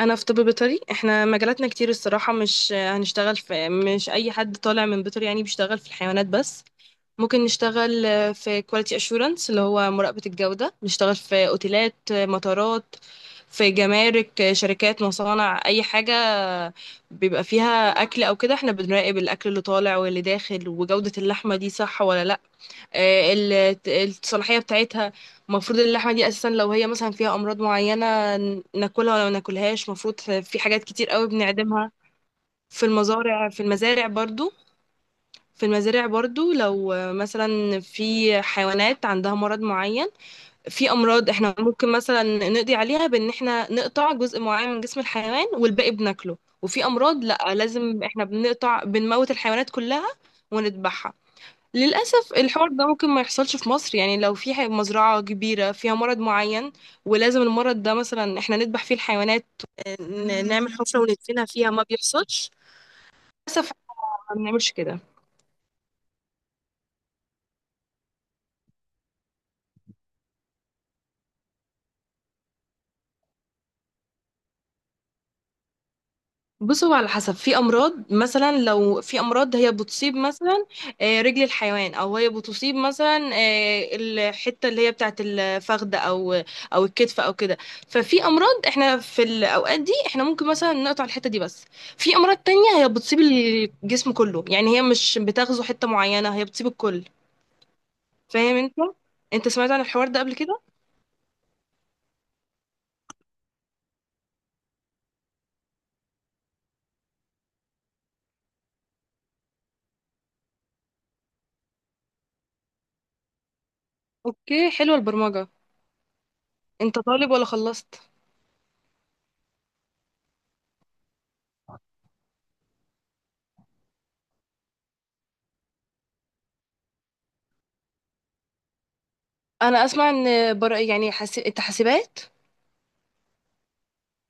انا في طب بيطري. احنا مجالاتنا كتير الصراحه، مش هنشتغل في، مش اي حد طالع من بيطري يعني بيشتغل في الحيوانات بس. ممكن نشتغل في كواليتي اشورنس اللي هو مراقبه الجوده، نشتغل في اوتيلات، مطارات، في جمارك، شركات، مصانع، اي حاجه بيبقى فيها اكل او كده. احنا بنراقب الاكل اللي طالع واللي داخل، وجوده اللحمه دي صح ولا لا. الصلاحية بتاعتها. المفروض اللحمة دي أساسا لو هي مثلا فيها أمراض معينة ناكلها ولا ما ناكلهاش. المفروض في حاجات كتير قوي بنعدمها. في المزارع في المزارع برضو في المزارع برضو، لو مثلا في حيوانات عندها مرض معين. في أمراض احنا ممكن مثلا نقضي عليها بإن احنا نقطع جزء معين من جسم الحيوان والباقي بناكله، وفي أمراض لأ، لازم احنا بنموت الحيوانات كلها ونذبحها. للأسف الحوار ده ممكن ما يحصلش في مصر، يعني لو في مزرعة كبيرة فيها مرض معين، ولازم المرض ده مثلا احنا نذبح فيه الحيوانات، نعمل حفرة وندفنها فيها، ما بيحصلش للأسف. ما بنعملش كده. بص هو على حسب، في امراض مثلا، لو في امراض هي بتصيب مثلا رجل الحيوان، او هي بتصيب مثلا الحته اللي هي بتاعه الفخذ او او الكتف او كده. ففي امراض احنا في الاوقات دي احنا ممكن مثلا نقطع الحته دي بس. في امراض تانية هي بتصيب الجسم كله، يعني هي مش بتغزو حته معينه، هي بتصيب الكل. فاهم انت؟ انت سمعت عن الحوار ده قبل كده؟ اوكي، حلوه البرمجه. انت طالب ولا خلصت؟ انا اسمع ان يعني حاسب، انت حاسبات.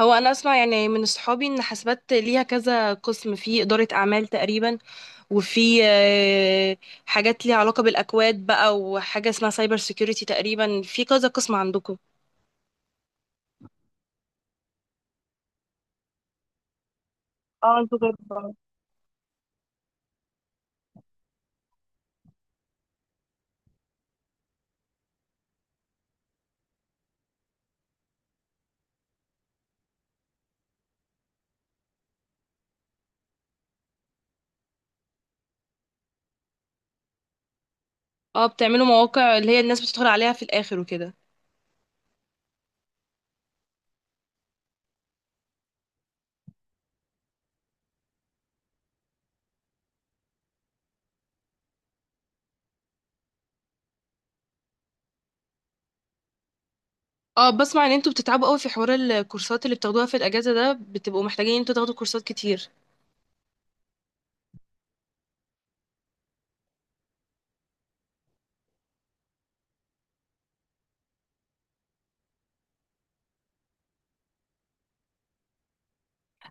هو انا اسمع يعني من صحابي ان حاسبات ليها كذا قسم، في اداره اعمال تقريبا، وفي حاجات ليها علاقه بالاكواد بقى، وحاجه اسمها سايبر سيكيورتي، تقريبا في كذا قسم عندكم. اه انتوا غير بعض. اه، بتعملوا مواقع اللي هي الناس بتدخل عليها في الاخر وكده. اه، بسمع ان انتوا بتتعبوا قوي في حوار الكورسات اللي بتاخدوها في الاجازه ده، بتبقوا محتاجين ان انتوا تاخدوا كورسات كتير.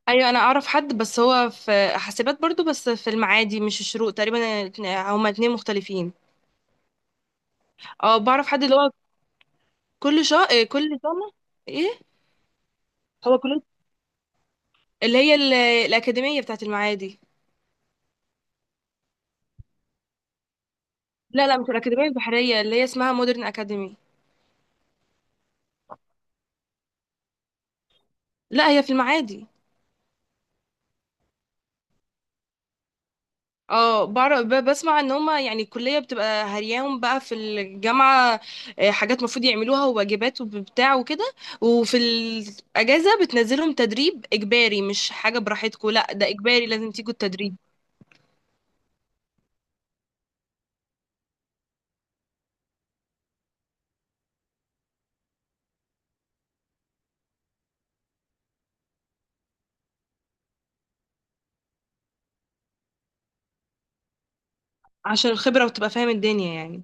ايوه انا اعرف حد بس هو في حاسبات برضو، بس في المعادي مش الشروق تقريبا. هما اتنين مختلفين. اه بعرف حد اللي هو كل شهر، إيه، كل سنة، ايه. هو كل، اللي هي الأكاديمية بتاعت المعادي. لا لا، مش الأكاديمية البحرية، اللي هي اسمها مودرن أكاديمي. لا هي في المعادي. اه بعرف، بسمع ان هما يعني الكلية بتبقى هرياهم بقى في الجامعة، حاجات مفروض يعملوها، وواجبات، وبتاع وكده. وفي الأجازة بتنزلهم تدريب إجباري، مش حاجة براحتكم، لا ده إجباري لازم تيجوا التدريب. عشان الخبرة وتبقى فاهم الدنيا يعني.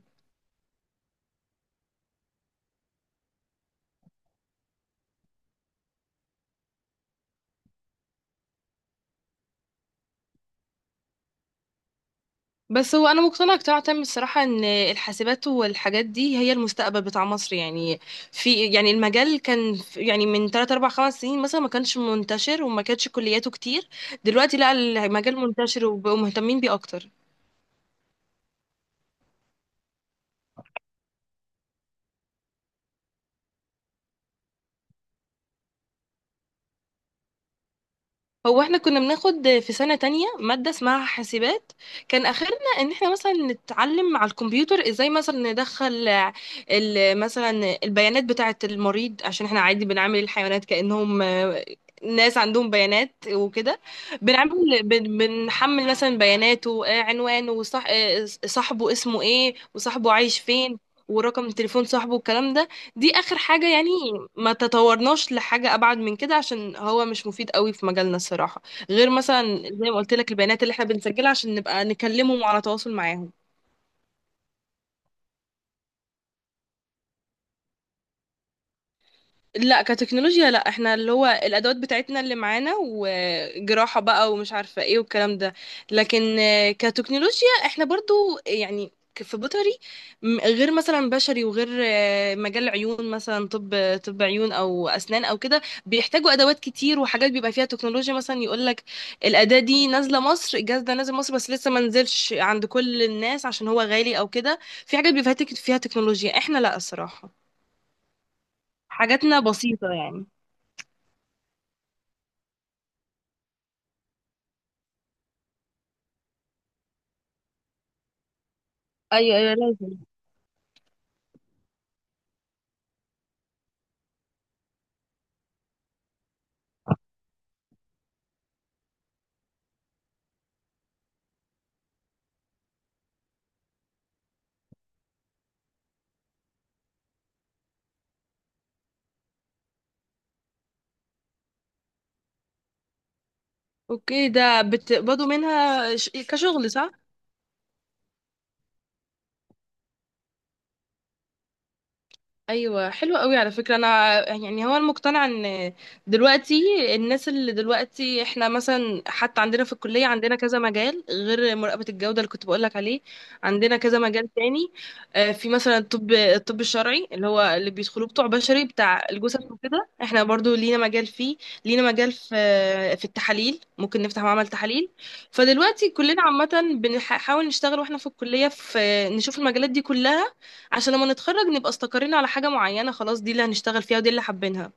بس هو انا مقتنعه اقتناع تام الصراحه ان الحاسبات والحاجات دي هي المستقبل بتاع مصر يعني. في يعني المجال كان يعني من 3 4 5 سنين مثلا ما كانش منتشر وما كانتش كلياته كتير. دلوقتي لا، المجال منتشر وبقوا مهتمين بيه اكتر. هو احنا كنا بناخد في سنة تانية مادة اسمها حاسبات. كان اخرنا ان احنا مثلا نتعلم على الكمبيوتر ازاي مثلا ندخل مثلا البيانات بتاعة المريض، عشان احنا عادي بنعامل الحيوانات كأنهم ناس عندهم بيانات وكده. بنعمل، بنحمل مثلا بياناته، عنوانه، وصاحبه اسمه ايه، وصاحبه عايش فين، ورقم تليفون صاحبه، والكلام ده. دي اخر حاجة يعني. ما تطورناش لحاجة ابعد من كده عشان هو مش مفيد قوي في مجالنا الصراحة. غير مثلا زي ما قلت لك، البيانات اللي احنا بنسجلها عشان نبقى نكلمهم، على تواصل معاهم. لا، كتكنولوجيا لا، احنا اللي هو الادوات بتاعتنا اللي معانا، وجراحة بقى، ومش عارفة ايه والكلام ده. لكن كتكنولوجيا احنا برضو يعني، في بيطري، غير مثلا بشري. وغير مجال عيون مثلا، طب، طب عيون او اسنان او كده، بيحتاجوا ادوات كتير وحاجات بيبقى فيها تكنولوجيا. مثلا يقول لك الاداة دي نازلة مصر، الجهاز ده نازل مصر بس لسه ما نزلش عند كل الناس عشان هو غالي او كده. في حاجات بيبقى فيها فيها تكنولوجيا، احنا لا الصراحة، حاجاتنا بسيطة يعني. ايوه ايوه لازم. اوكي، ده بتقبضوا منها كشغل صح؟ ايوه حلو قوي. على فكره انا يعني هو المقتنع ان دلوقتي، الناس اللي دلوقتي، احنا مثلا حتى عندنا في الكليه عندنا كذا مجال، غير مراقبه الجوده اللي كنت بقولك عليه. عندنا كذا مجال تاني. في مثلا الطب، الشرعي، اللي هو اللي بيدخلوه بتوع بشري بتاع الجثث وكده، احنا برضو لينا مجال فيه. لينا مجال في في التحاليل، ممكن نفتح معمل تحاليل. فدلوقتي كلنا عامه بنحاول نشتغل واحنا في الكليه، في نشوف المجالات دي كلها، عشان لما نتخرج نبقى استقرينا على حاجة معينة، خلاص دي اللي هنشتغل فيها ودي اللي حابينها.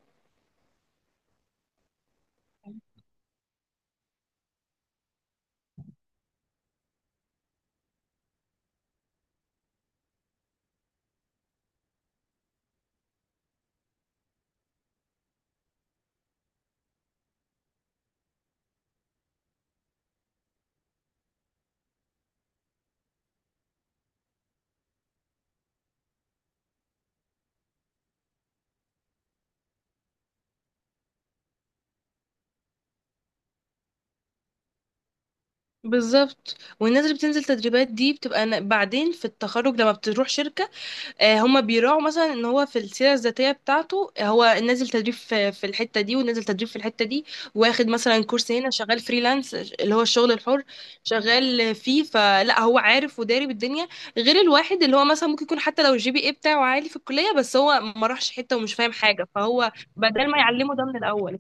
بالظبط، والناس اللي بتنزل تدريبات دي بتبقى، بعدين في التخرج لما بتروح شركة، هما بيراعوا مثلا ان هو في السيره الذاتيه بتاعته هو نازل تدريب في في الحته دي ونازل تدريب في الحته دي، واخد مثلا كورس هنا، شغال فريلانس اللي هو الشغل الحر شغال فيه. فلا هو عارف وداري بالدنيا، غير الواحد اللي هو مثلا ممكن يكون حتى لو الجي بي اي بتاعه عالي في الكليه، بس هو ما راحش حته ومش فاهم حاجه، فهو بدل ما يعلمه ده من الاول.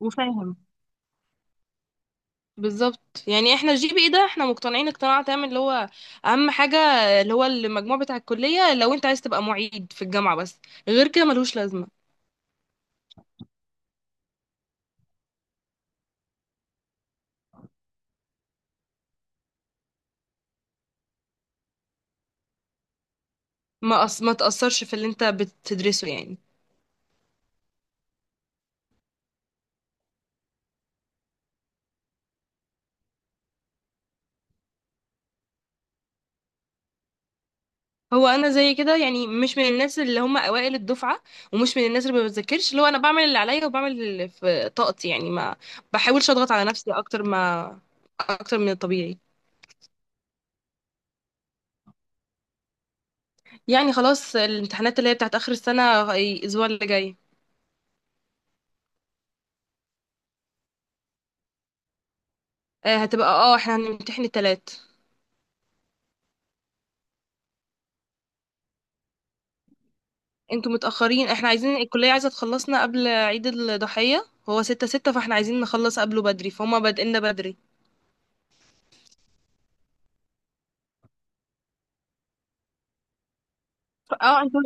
وفاهم، بالظبط. يعني احنا الجي بي اي ده احنا مقتنعين اقتناع تام اللي هو اهم حاجه، اللي هو المجموع بتاع الكليه، لو انت عايز تبقى معيد في الجامعه بس، غير كده ملوش لازمه. ما تاثرش في اللي انت بتدرسه يعني. هو انا زي كده يعني، مش من الناس اللي هم اوائل الدفعه، ومش من الناس اللي ما بتذاكرش، اللي هو انا بعمل اللي عليا وبعمل اللي في طاقتي يعني، ما بحاولش اضغط على نفسي اكتر ما اكتر من الطبيعي. يعني خلاص، الامتحانات اللي هي بتاعت اخر السنه الاسبوع اللي جاي، هتبقى. احنا هنمتحن التلات. انتوا متأخرين، احنا عايزين، الكلية عايزة تخلصنا قبل عيد الضحية، هو ستة ستة، فاحنا عايزين نخلص قبله بدري، فهم بادئنا بدري. ف- اه انتوا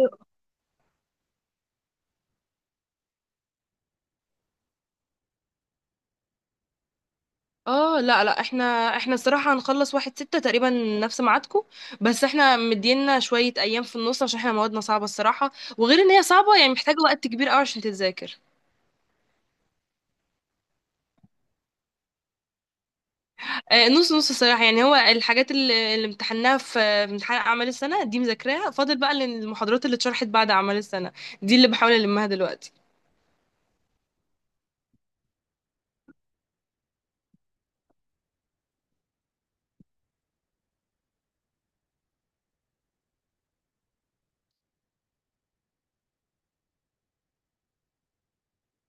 اه لا لا احنا، احنا الصراحة هنخلص واحد ستة تقريبا، نفس ميعادكم، بس احنا مدينا شوية ايام في النص عشان احنا موادنا صعبة الصراحة. وغير ان هي صعبة يعني محتاجة وقت كبير قوي عشان تتذاكر. نص نص الصراحة يعني. هو الحاجات اللي امتحناها في في امتحان أعمال السنة دي مذاكراها، فاضل بقى المحاضرات اللي اتشرحت بعد أعمال السنة، دي اللي بحاول ألمها دلوقتي.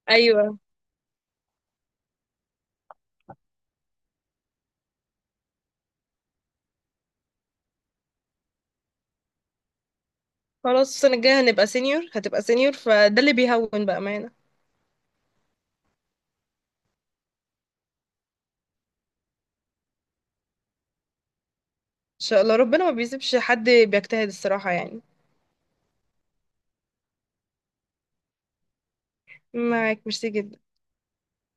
ايوه. خلاص السنة الجاية هنبقى سينيور، هتبقى سينيور، فده اللي بيهون بأمانة. ان شاء الله، ربنا ما بيسيبش حد بيجتهد الصراحة يعني. معاك، ميرسي جدا.